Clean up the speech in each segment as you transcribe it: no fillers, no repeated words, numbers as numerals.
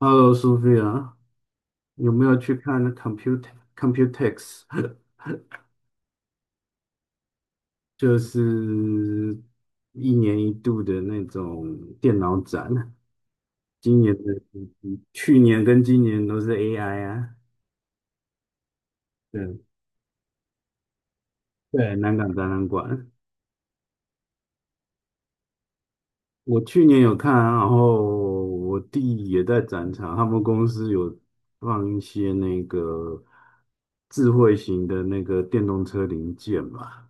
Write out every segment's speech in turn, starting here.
Hello, SOP， 有没有去看 Computex？就是一年一度的那种电脑展，今年的、去年跟今年都是 AI 啊。对对，南港展览馆，我去年有看啊，然后我弟也在展场，他们公司有放一些那个智慧型的那个电动车零件吧。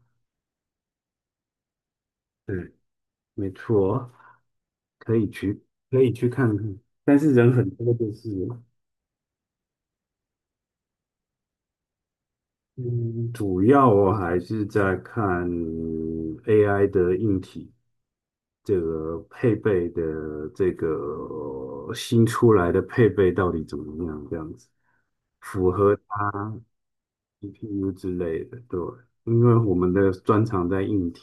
对，没错。可以去，可以去看看，但是人很多就是了。嗯，主要我还是在看 AI 的硬体，这个配备的这个新出来的配备到底怎么样，这样子。符合 GPU 之类的，对，因为我们的专长在硬体，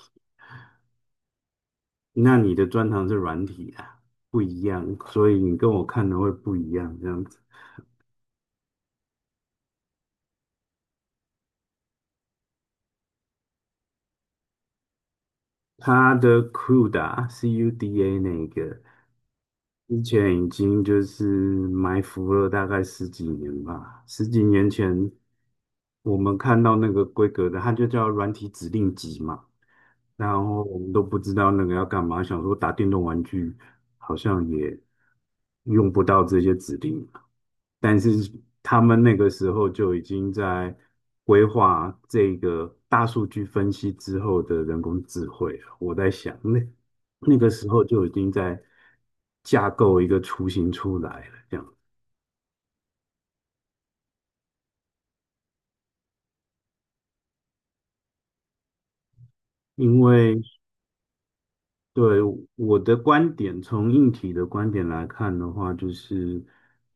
那你的专长是软体啊，不一样，所以你跟我看的会不一样，这样子。它的 CUDA 那个。之前已经就是埋伏了大概十几年吧，十几年前我们看到那个规格的，它就叫软体指令集嘛，然后我们都不知道那个要干嘛，想说打电动玩具好像也用不到这些指令，但是他们那个时候就已经在规划这个大数据分析之后的人工智慧了。我在想，那个时候就已经在架构一个雏形出来了，这样。因为对，我的观点，从硬体的观点来看的话，就是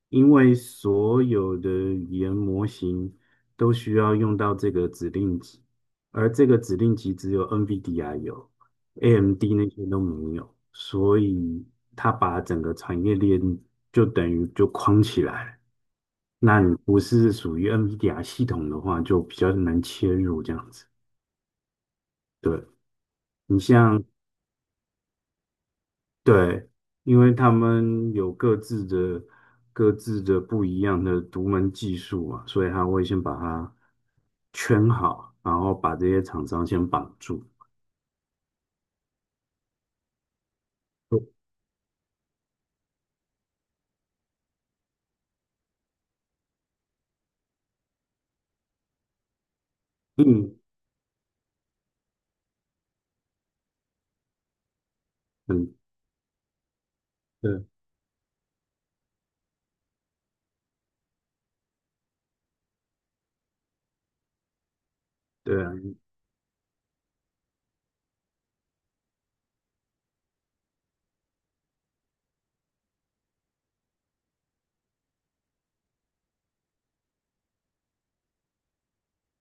因为所有的语言模型都需要用到这个指令集，而这个指令集只有 NVIDIA 有，AMD 那些都没有，所以它把整个产业链就等于就框起来了。那你不是属于 NVIDIA 系统的话，就比较难切入这样子。对，你像对，因为他们有各自的不一样的独门技术嘛，所以他会先把它圈好，然后把这些厂商先绑住。嗯嗯，对，对啊，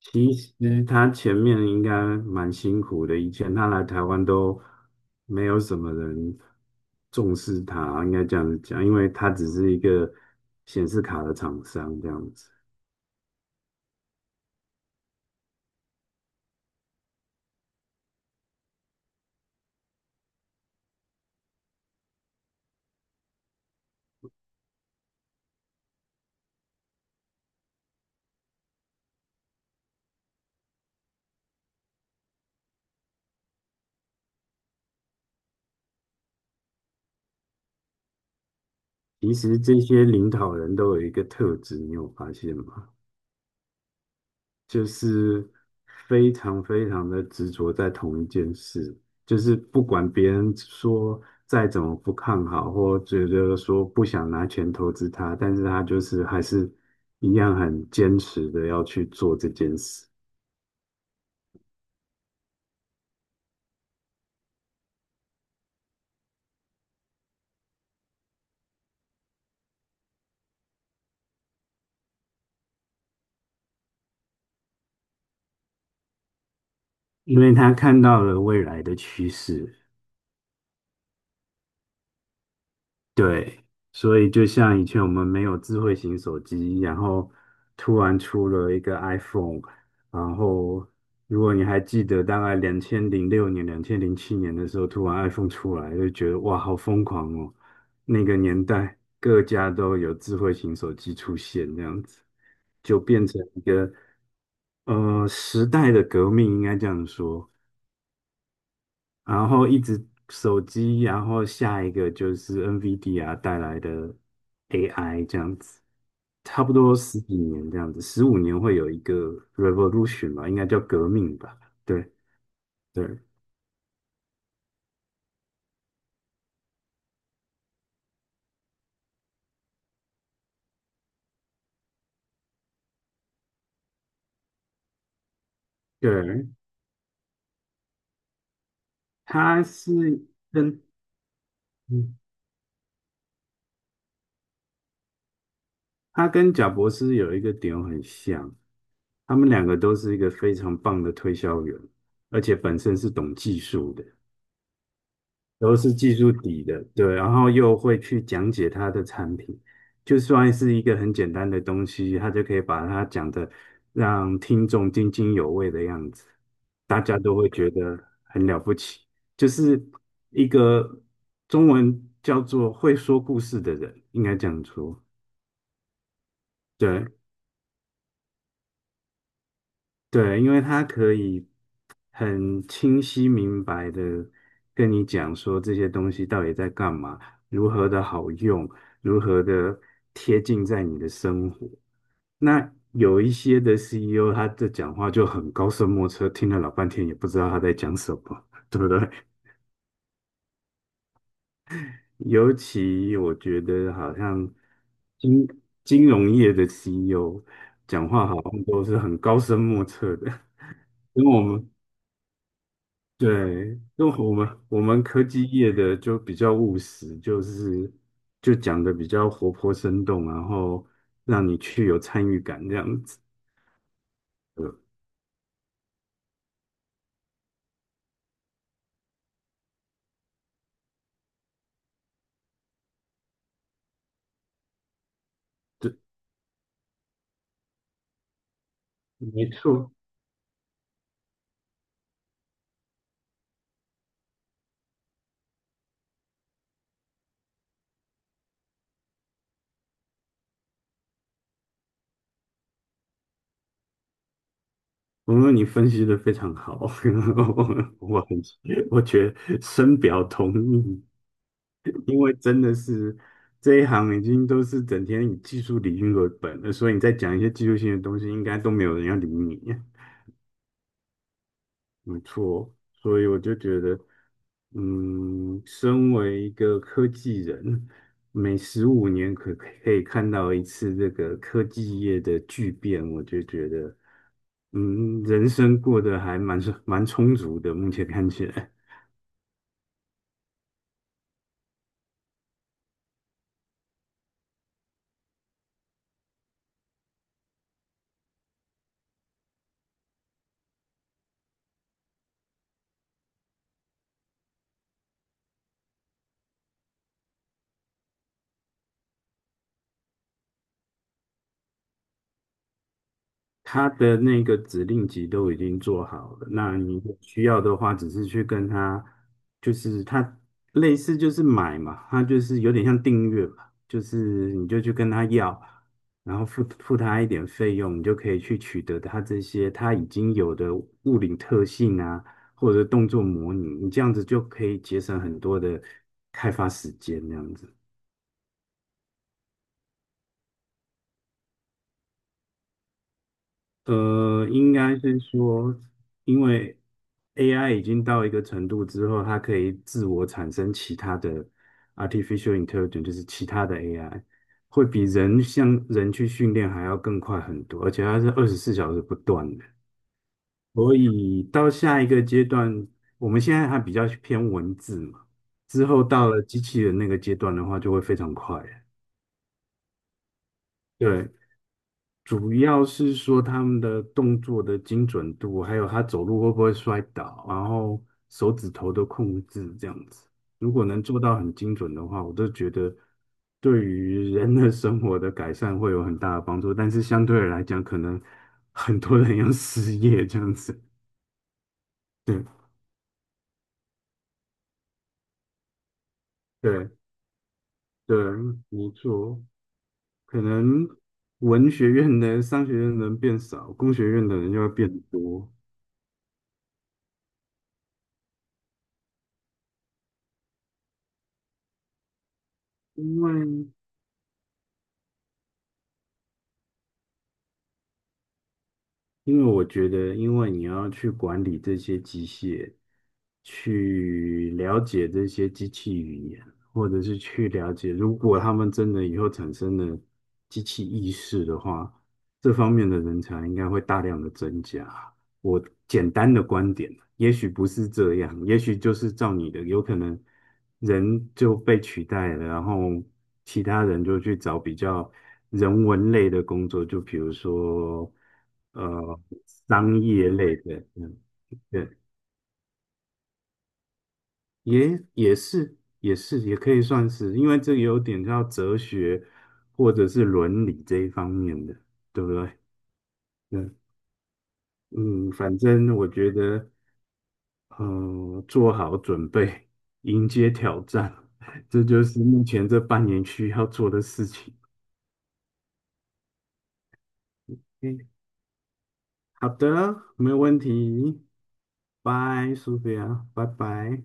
其实他前面应该蛮辛苦的，以前他来台湾都没有什么人重视他，应该这样子讲，因为他只是一个显示卡的厂商这样子。其实这些领导人都有一个特质，你有发现吗？就是非常非常的执着在同一件事，就是不管别人说再怎么不看好，或觉得说不想拿钱投资他，但是他就是还是一样很坚持的要去做这件事，因为他看到了未来的趋势。对，所以就像以前我们没有智慧型手机，然后突然出了一个 iPhone，然后如果你还记得，大概2006年、2007年的时候，突然 iPhone 出来，就觉得哇，好疯狂哦！那个年代，各家都有智慧型手机出现，这样子就变成一个时代的革命，应该这样说。然后一直手机，然后下一个就是 NVIDIA 带来的 AI 这样子，差不多十几年这样子，十五年会有一个 revolution 吧，应该叫革命吧？对对对，它是跟嗯，它跟贾博士有一个点很像，他们两个都是一个非常棒的推销员，而且本身是懂技术的。都是技术底的，对，然后又会去讲解他的产品，就算是一个很简单的东西，他就可以把它讲的让听众津津有味的样子，大家都会觉得很了不起，就是一个中文叫做会说故事的人，应该这样说，对，对，因为他可以很清晰明白的跟你讲说这些东西到底在干嘛，如何的好用，如何的贴近在你的生活。那有一些的 CEO，他的讲话就很高深莫测，听了老半天也不知道他在讲什么，对不对？尤其我觉得好像金金融业的 CEO 讲话好像都是很高深莫测的，跟我们对，那我们科技业的就比较务实，就是就讲的比较活泼生动，然后让你去有参与感这样子。呃，对，没错，我说你分析的非常好，我我很我觉得深表同意，因为真的是这一行已经都是整天以技术理论为本了，所以你再讲一些技术性的东西，应该都没有人要理你。没错，所以我就觉得。嗯，身为一个科技人，每十五年可以看到一次这个科技业的巨变，我就觉得，嗯，人生过得还蛮充足的，目前看起来。他的那个指令集都已经做好了，那你有需要的话，只是去跟他，就是他类似就是买嘛，他就是有点像订阅吧，就是你就去跟他要，然后付他一点费用，你就可以去取得他这些他已经有的物理特性啊，或者动作模拟，你这样子就可以节省很多的开发时间，这样子。应该是说，因为 AI 已经到一个程度之后，它可以自我产生其他的 artificial intelligence，就是其他的 AI，会比人像人去训练还要更快很多，而且它是24小时不断的。所以到下一个阶段，我们现在还比较偏文字嘛，之后到了机器人那个阶段的话，就会非常快了。对，主要是说他们的动作的精准度，还有他走路会不会摔倒，然后手指头的控制这样子。如果能做到很精准的话，我都觉得对于人的生活的改善会有很大的帮助。但是相对的来讲，可能很多人要失业这样子。对对对，没错，可能文学院的商学院的人变少，工学院的人就会变多，因为因为我觉得，因为你要去管理这些机械，去了解这些机器语言，或者是去了解，如果他们真的以后产生了机器意识的话，这方面的人才应该会大量的增加。我简单的观点，也许不是这样，也许就是照你的，有可能人就被取代了，然后其他人就去找比较人文类的工作，就比如说呃商业类的，嗯，对，也是也可以算是，因为这有点叫哲学或者是伦理这一方面的，对不对？嗯嗯，反正我觉得。嗯，做好准备，迎接挑战，这就是目前这半年需要做的事情。嗯，好的，没有问题。拜，苏菲亚，拜拜。